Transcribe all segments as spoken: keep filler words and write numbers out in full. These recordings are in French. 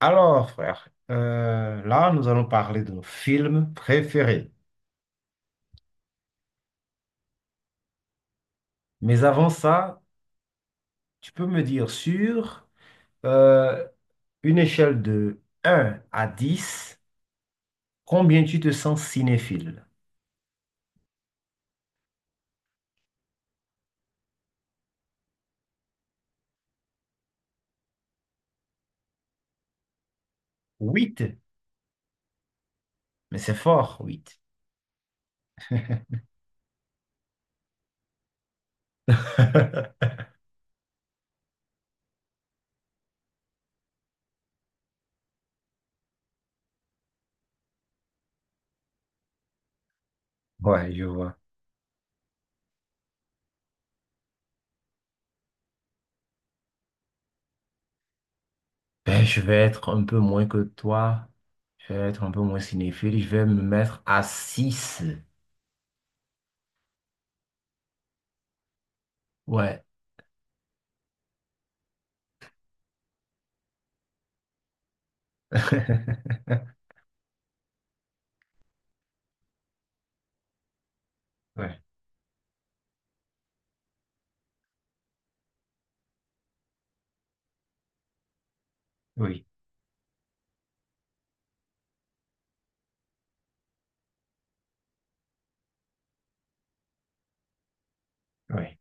Alors, frère, euh, là, nous allons parler de nos films préférés. Mais avant ça, tu peux me dire sur euh, une échelle de un à dix, combien tu te sens cinéphile? Huit, mais c'est fort, huit. Ouais, je vois. Ben, je vais être un peu moins que toi. Je vais être un peu moins cinéphile. Je vais me mettre à six. Ouais. Ouais, oui, oui,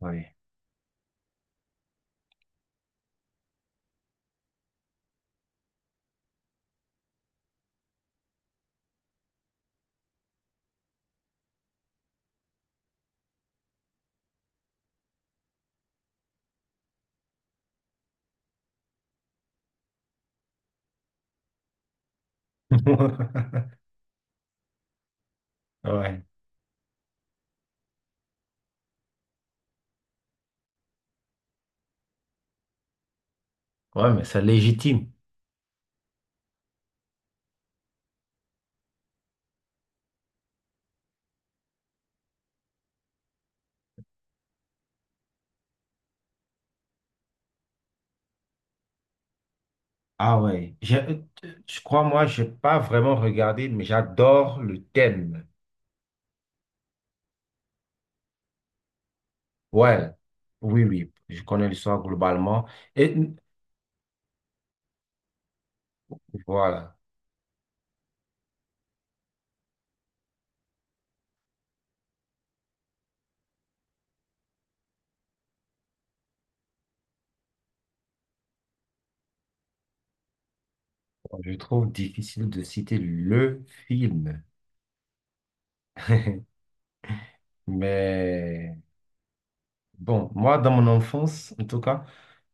oui. Ouais. Ouais, mais c'est légitime. Ah ouais, j'ai- euh, je crois, moi, j'ai pas vraiment regardé, mais j'adore le thème. Ouais, oui, oui, je connais l'histoire globalement. Et voilà, je trouve difficile de citer le film. Mais bon, moi, dans mon enfance, en tout cas,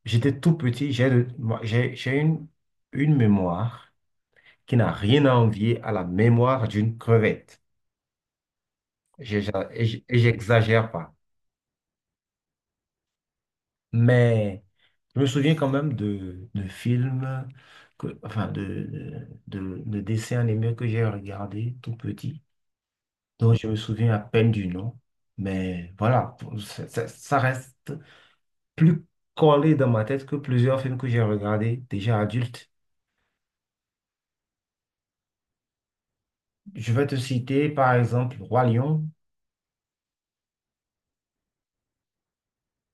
j'étais tout petit, j'ai le- moi, j'ai j'ai une, une mémoire qui n'a rien à envier à la mémoire d'une crevette. J'ai- j'ai- Et j'- et j'exagère pas. Mais je me souviens quand même de, de films, que, enfin de, de, de dessins animés que j'ai regardés tout petit, dont je me souviens à peine du nom. Mais voilà, pour- ça, ça- ça reste plus collé dans ma tête que plusieurs films que j'ai regardés déjà adultes. Je vais te citer par exemple Roi Lion.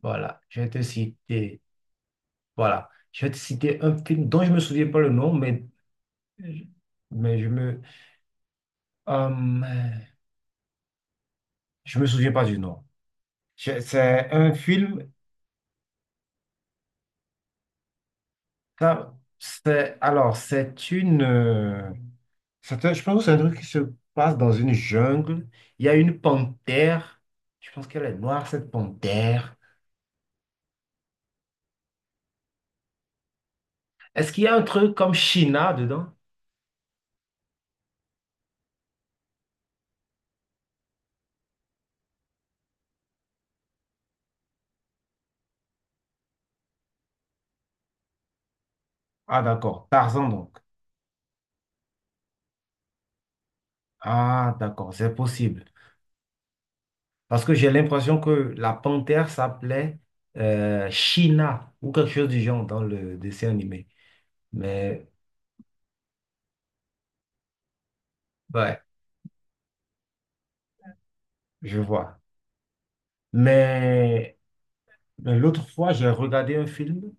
Voilà, je vais te citer, voilà, je vais te citer un film dont je me souviens pas le nom, mais, mais je me, euh, je me souviens pas du nom. Je- C'est un film. Ça- c'est, alors, c'est une. Euh, c'est un- Je pense que c'est un truc qui se passe dans une jungle. Il y a une panthère. Je pense qu'elle est noire, cette panthère. Est-ce qu'il y a un truc comme China dedans? Ah, d'accord. Tarzan, donc. Ah, d'accord. C'est possible. Parce que j'ai l'impression que la panthère s'appelait euh, China ou quelque chose du genre dans le dessin animé. Mais, ouais, je vois. Mais. Ben, l'autre fois, j'ai regardé un film,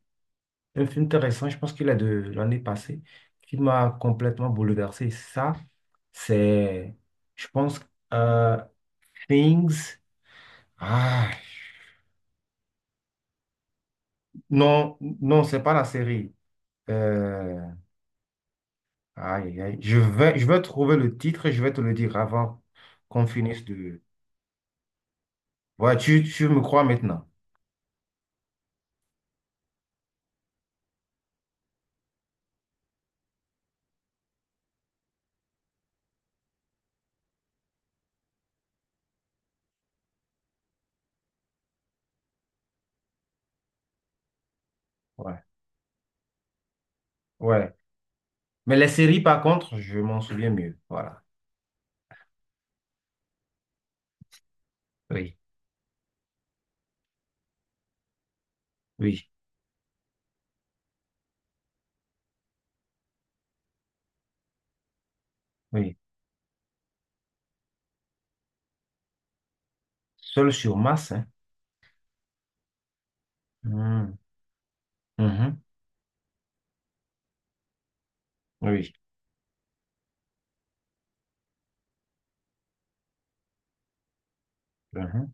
un film intéressant, je pense qu'il est de l'année passée, qui m'a complètement bouleversé. Ça, c'est, je pense, euh, Things. Ah, non, non, c'est pas la série. Euh, Aïe, aïe, aïe. Je vais, je vais trouver le titre et je vais te le dire avant qu'on finisse de... Ouais, tu, tu me crois maintenant. Ouais, ouais. Mais les séries, par contre, je m'en souviens mieux. Voilà. Oui, oui, oui. Seul sur Mars, hein. Hmm. Mhm. Oui. Mhm.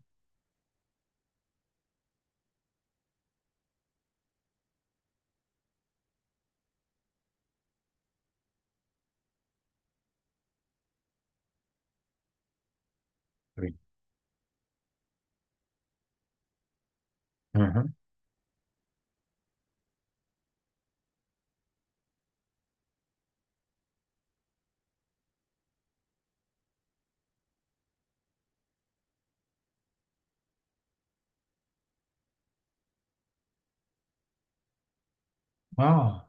Oui. Mhm. Ah,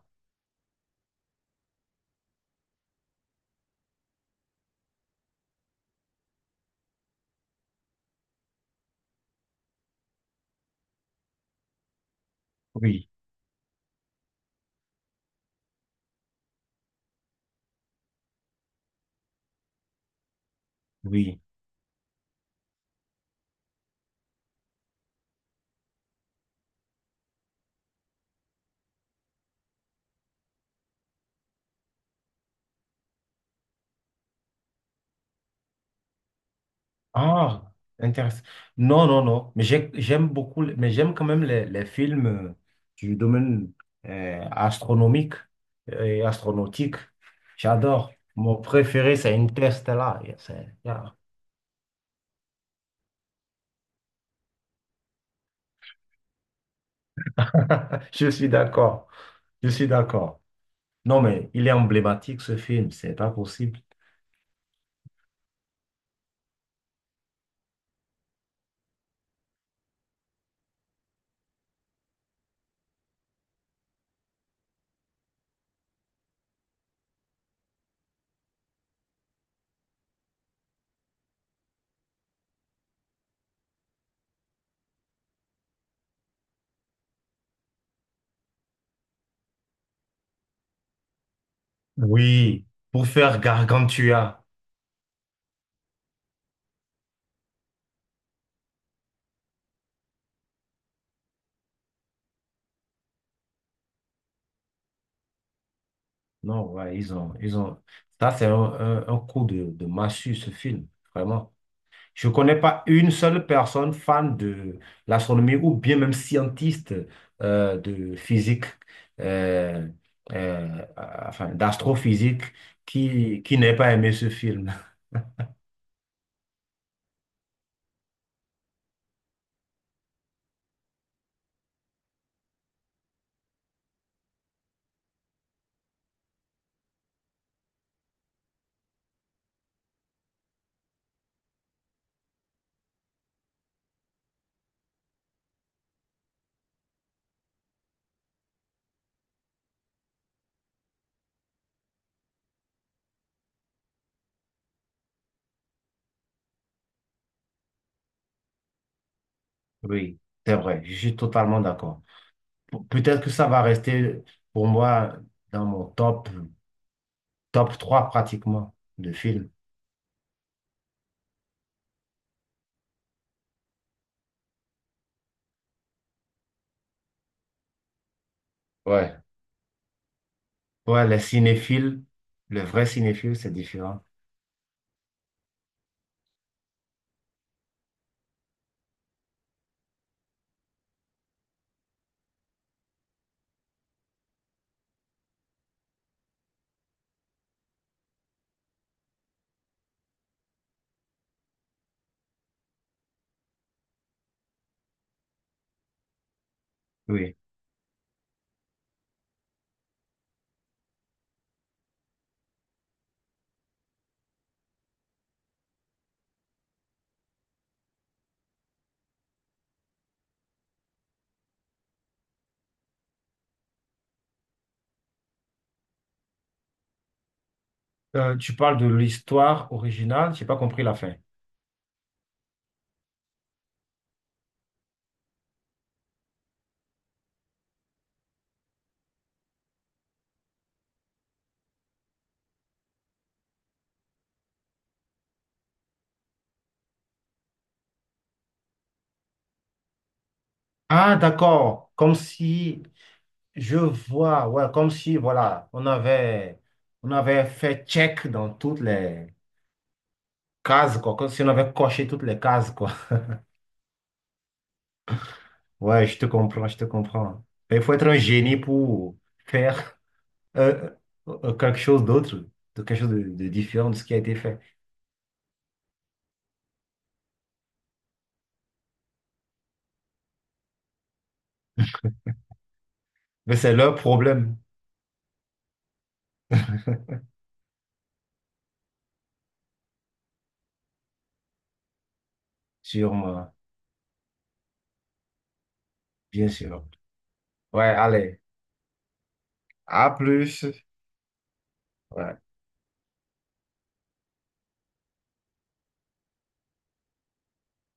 oui, oui. Ah, intéressant. Non, non, non. Mais j'ai- j'aime beaucoup, mais j'aime quand même les, les films euh, du domaine euh, astronomique euh, et astronautique. J'adore. Mon préféré, c'est Interstellar. Yeah, c'est- yeah. Je suis d'accord. Je suis d'accord. Non, mais il est emblématique, ce film. C'est pas possible. Oui, pour faire Gargantua. Non, ouais, ils ont, Ils ont. Ça, c'est un, un, un coup de, de massue, ce film, vraiment. Je ne connais pas une seule personne fan de l'astronomie ou bien même scientiste euh, de physique, euh, euh, enfin, d'astrophysique qui, qui n'ait pas aimé ce film. Oui, c'est vrai, je suis totalement d'accord. Pe- Peut-être que ça va rester pour moi dans mon top, top trois pratiquement de films. Ouais. Ouais, les cinéphiles, le vrai cinéphile, c'est différent. Oui. Euh, tu parles de l'histoire originale, j'ai pas compris la fin. Ah, d'accord. Comme si je vois, ouais, comme si, voilà, on avait, On avait fait check dans toutes les cases, quoi. Comme si on avait coché toutes les cases, quoi. Ouais, je te comprends, je te comprends. Mais il faut être un génie pour faire euh, euh, quelque chose d'autre, de quelque chose de, de différent de ce qui a été fait. Mais c'est leur problème, sûrement, bien sûr. Ouais, allez, à plus. Ouais.